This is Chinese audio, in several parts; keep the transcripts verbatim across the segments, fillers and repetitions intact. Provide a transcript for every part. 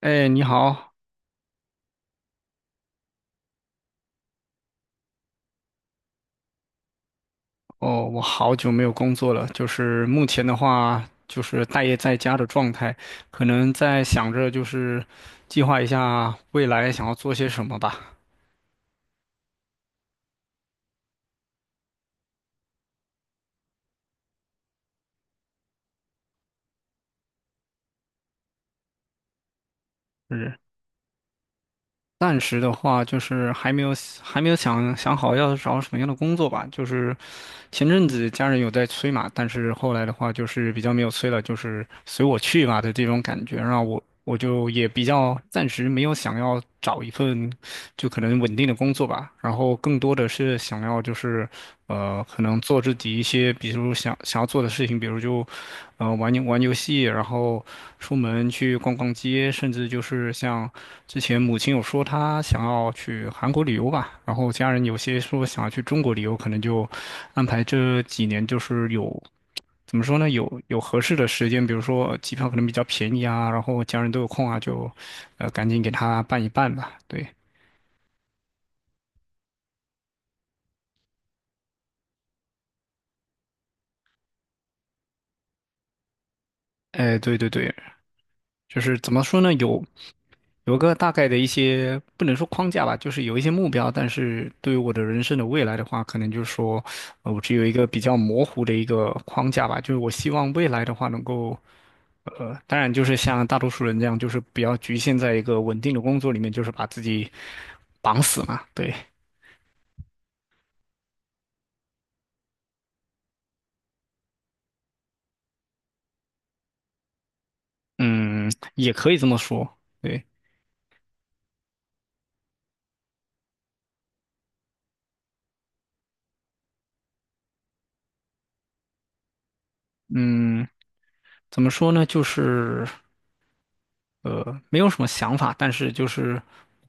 哎，你好，哦，我好久没有工作了，就是目前的话，就是待业在家的状态，可能在想着就是计划一下未来想要做些什么吧。是。暂时的话就是还没有还没有想想好要找什么样的工作吧。就是前阵子家人有在催嘛，但是后来的话就是比较没有催了，就是随我去吧的这种感觉，让我我就也比较暂时没有想要找一份。就可能稳定的工作吧，然后更多的是想要就是，呃，可能做自己一些，比如想想要做的事情，比如就，呃，玩游玩游戏，然后出门去逛逛街，甚至就是像之前母亲有说她想要去韩国旅游吧，然后家人有些说想要去中国旅游，可能就安排这几年就是有。怎么说呢？有有合适的时间，比如说机票可能比较便宜啊，然后家人都有空啊，就，呃，赶紧给他办一办吧。对。哎，对对对，就是怎么说呢？有有个大概的一些，不能说框架吧，就是有一些目标，但是对于我的人生的未来的话，可能就是说，呃我只有一个比较模糊的一个框架吧，就是我希望未来的话能够，呃，当然就是像大多数人这样，就是不要局限在一个稳定的工作里面，就是把自己绑死嘛。对。嗯，也可以这么说。对。嗯，怎么说呢？就是。呃，没有什么想法，但是就是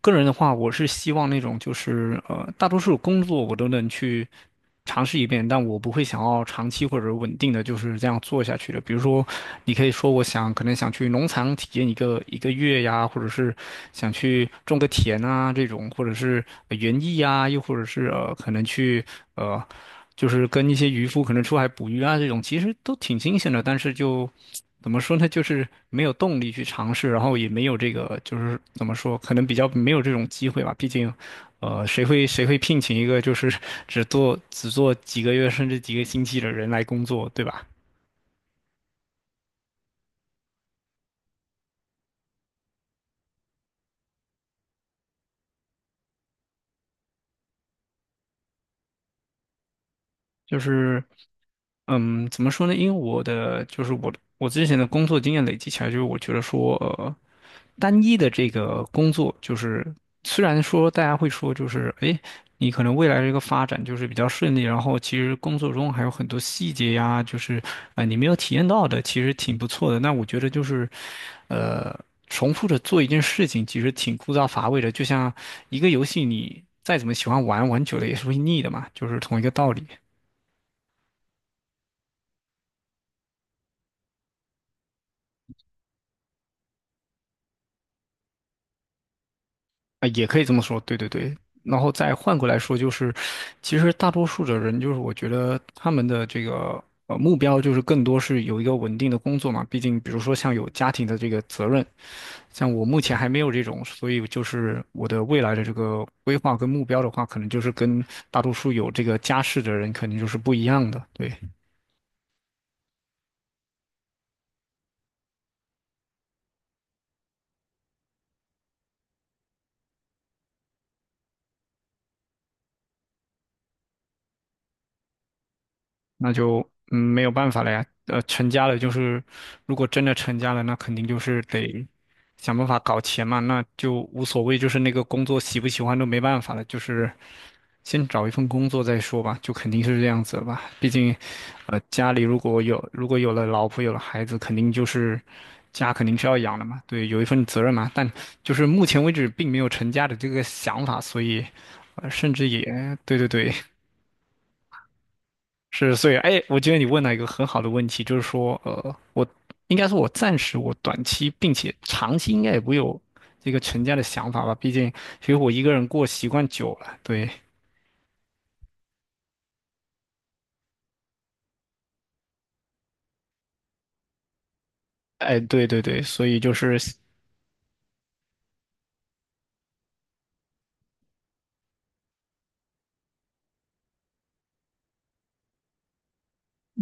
个人的话，我是希望那种就是呃，大多数工作我都能去尝试一遍，但我不会想要长期或者稳定的就是这样做下去的。比如说，你可以说我想可能想去农场体验一个一个月呀，或者是想去种个田啊这种，或者是呃园艺啊，又或者是呃可能去呃。就是跟一些渔夫可能出海捕鱼啊这种，其实都挺新鲜的，但是就怎么说呢，就是没有动力去尝试，然后也没有这个就是怎么说，可能比较没有这种机会吧。毕竟，呃，谁会谁会聘请一个就是只做只做几个月甚至几个星期的人来工作，对吧？就是。嗯，怎么说呢？因为我的就是我我之前的工作经验累积起来，就是我觉得说，呃，单一的这个工作，就是虽然说大家会说，就是诶，你可能未来这个发展就是比较顺利，然后其实工作中还有很多细节呀，就是啊、呃你没有体验到的，其实挺不错的。那我觉得就是，呃，重复着做一件事情，其实挺枯燥乏味的，就像一个游戏，你再怎么喜欢玩，玩久了也是会腻的嘛，就是同一个道理。啊，也可以这么说，对对对。然后再换过来说，就是其实大多数的人，就是我觉得他们的这个呃目标，就是更多是有一个稳定的工作嘛。毕竟，比如说像有家庭的这个责任，像我目前还没有这种，所以就是我的未来的这个规划跟目标的话，可能就是跟大多数有这个家室的人肯定就是不一样的，对。那就嗯没有办法了呀。呃，成家了就是，如果真的成家了，那肯定就是得想办法搞钱嘛，那就无所谓，就是那个工作喜不喜欢都没办法了，就是先找一份工作再说吧，就肯定是这样子了吧。毕竟，呃，家里如果有如果有了老婆有了孩子，肯定就是家肯定是要养的嘛，对，有一份责任嘛。但就是目前为止并没有成家的这个想法，所以，呃，甚至也对对对。是，所以，哎，我觉得你问了一个很好的问题，就是说，呃，我应该说，我暂时我短期并且长期应该也不会有这个成家的想法吧，毕竟其实我一个人过习惯久了，对。哎，对对对，所以就是。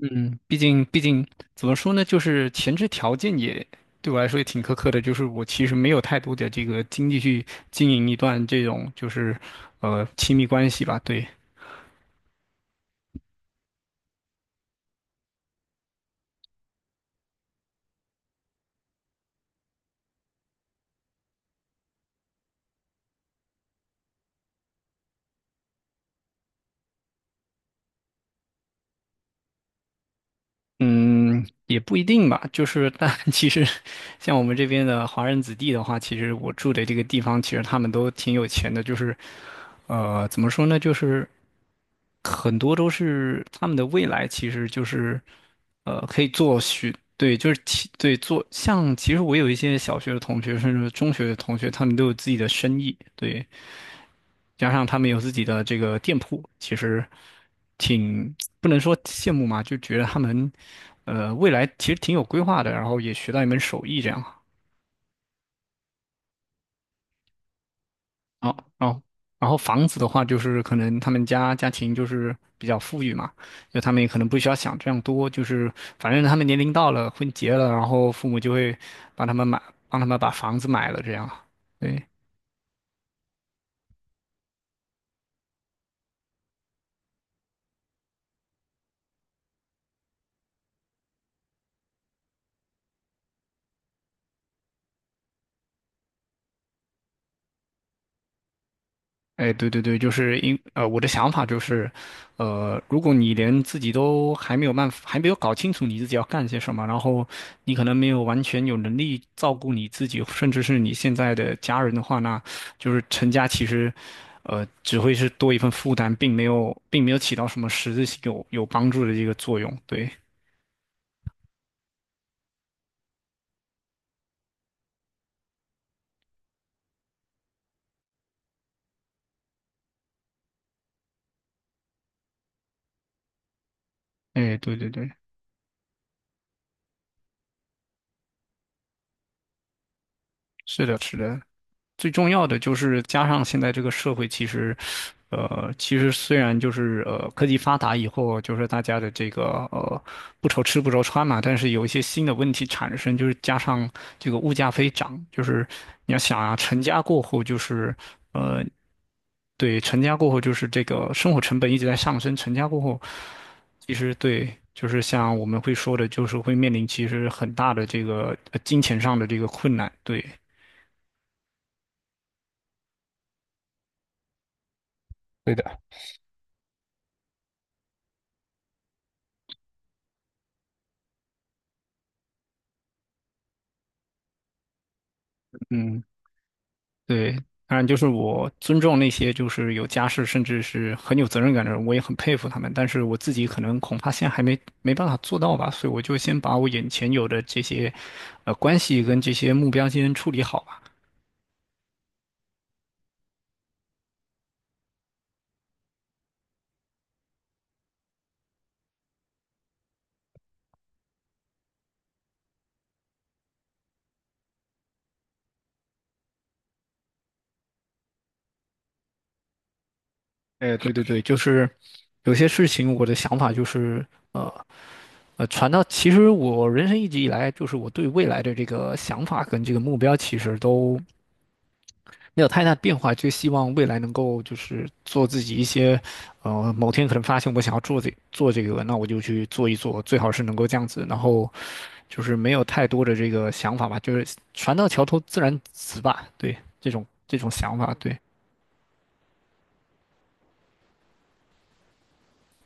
嗯，毕竟毕竟怎么说呢，就是前置条件也对我来说也挺苛刻的，就是我其实没有太多的这个精力去经营一段这种就是呃亲密关系吧，对。嗯，也不一定吧。就是，但 其实像我们这边的华人子弟的话，其实我住的这个地方，其实他们都挺有钱的。就是，呃，怎么说呢？就是很多都是他们的未来，其实就是，呃，可以做许，对，就是其对做像。其实我有一些小学的同学，甚至中学的同学，他们都有自己的生意。对，加上他们有自己的这个店铺，其实挺不能说羡慕嘛，就觉得他们呃未来其实挺有规划的，然后也学到一门手艺这样。哦哦，然后房子的话，就是可能他们家家庭就是比较富裕嘛，就他们也可能不需要想这样多，就是反正他们年龄到了，婚结了，然后父母就会帮他们买，帮他们把房子买了这样。对。哎，对对对，就是因呃，我的想法就是，呃，如果你连自己都还没有办法，还没有搞清楚你自己要干些什么，然后你可能没有完全有能力照顾你自己，甚至是你现在的家人的话，那就是成家其实，呃，只会是多一份负担，并没有，并没有起到什么实质性有有帮助的一个作用。对。哎，对对对，是的，是的。最重要的就是加上现在这个社会，其实，呃，其实虽然就是呃科技发达以后，就是大家的这个呃不愁吃不愁穿嘛，但是有一些新的问题产生，就是加上这个物价飞涨，就是你要想啊，成家过后就是呃，对，成家过后就是这个生活成本一直在上升，成家过后，其实对。就是像我们会说的，就是会面临其实很大的这个呃金钱上的这个困难，对，对的。嗯。对，当然就是我尊重那些就是有家室甚至是很有责任感的人，我也很佩服他们。但是我自己可能恐怕现在还没没办法做到吧，所以我就先把我眼前有的这些，呃，关系跟这些目标先处理好吧。哎，对对对，就是有些事情我的想法就是，呃呃，传到其实我人生一直以来就是我对未来的这个想法跟这个目标其实都没有太大变化，就希望未来能够就是做自己一些，呃，某天可能发现我想要做这做这个，那我就去做一做，最好是能够这样子，然后就是没有太多的这个想法吧，就是船到桥头自然直吧，对，这种这种想法，对。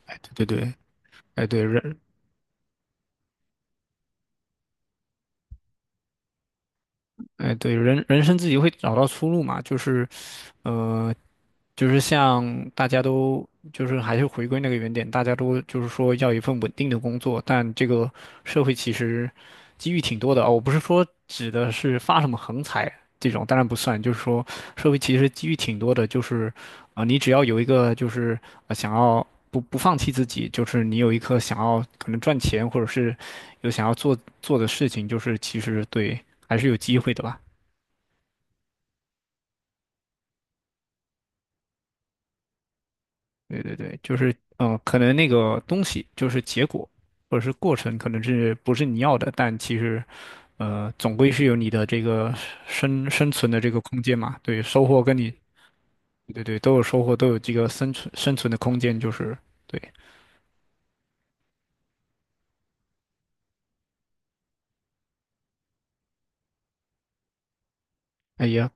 哎，对对对。哎对人。哎对人人生自己会找到出路嘛，就是呃，就是像大家都就是还是回归那个原点，大家都就是说要一份稳定的工作，但这个社会其实机遇挺多的啊，我不是说指的是发什么横财这种，当然不算，就是说社会其实机遇挺多的，就是啊、呃你只要有一个就是呃想要。不不放弃自己，就是你有一颗想要可能赚钱，或者是有想要做做的事情，就是其实对，还是有机会的吧。对对对，就是嗯，呃可能那个东西就是结果，或者是过程，可能是不是你要的，但其实，呃，总归是有你的这个生生存的这个空间嘛。对，收获跟你对对对都有收获，都有这个生存生存的空间，就是对。哎呀，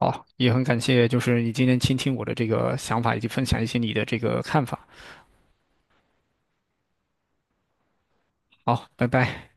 好，也很感谢，就是你今天倾听我的这个想法，以及分享一些你的这个看法。好，拜拜。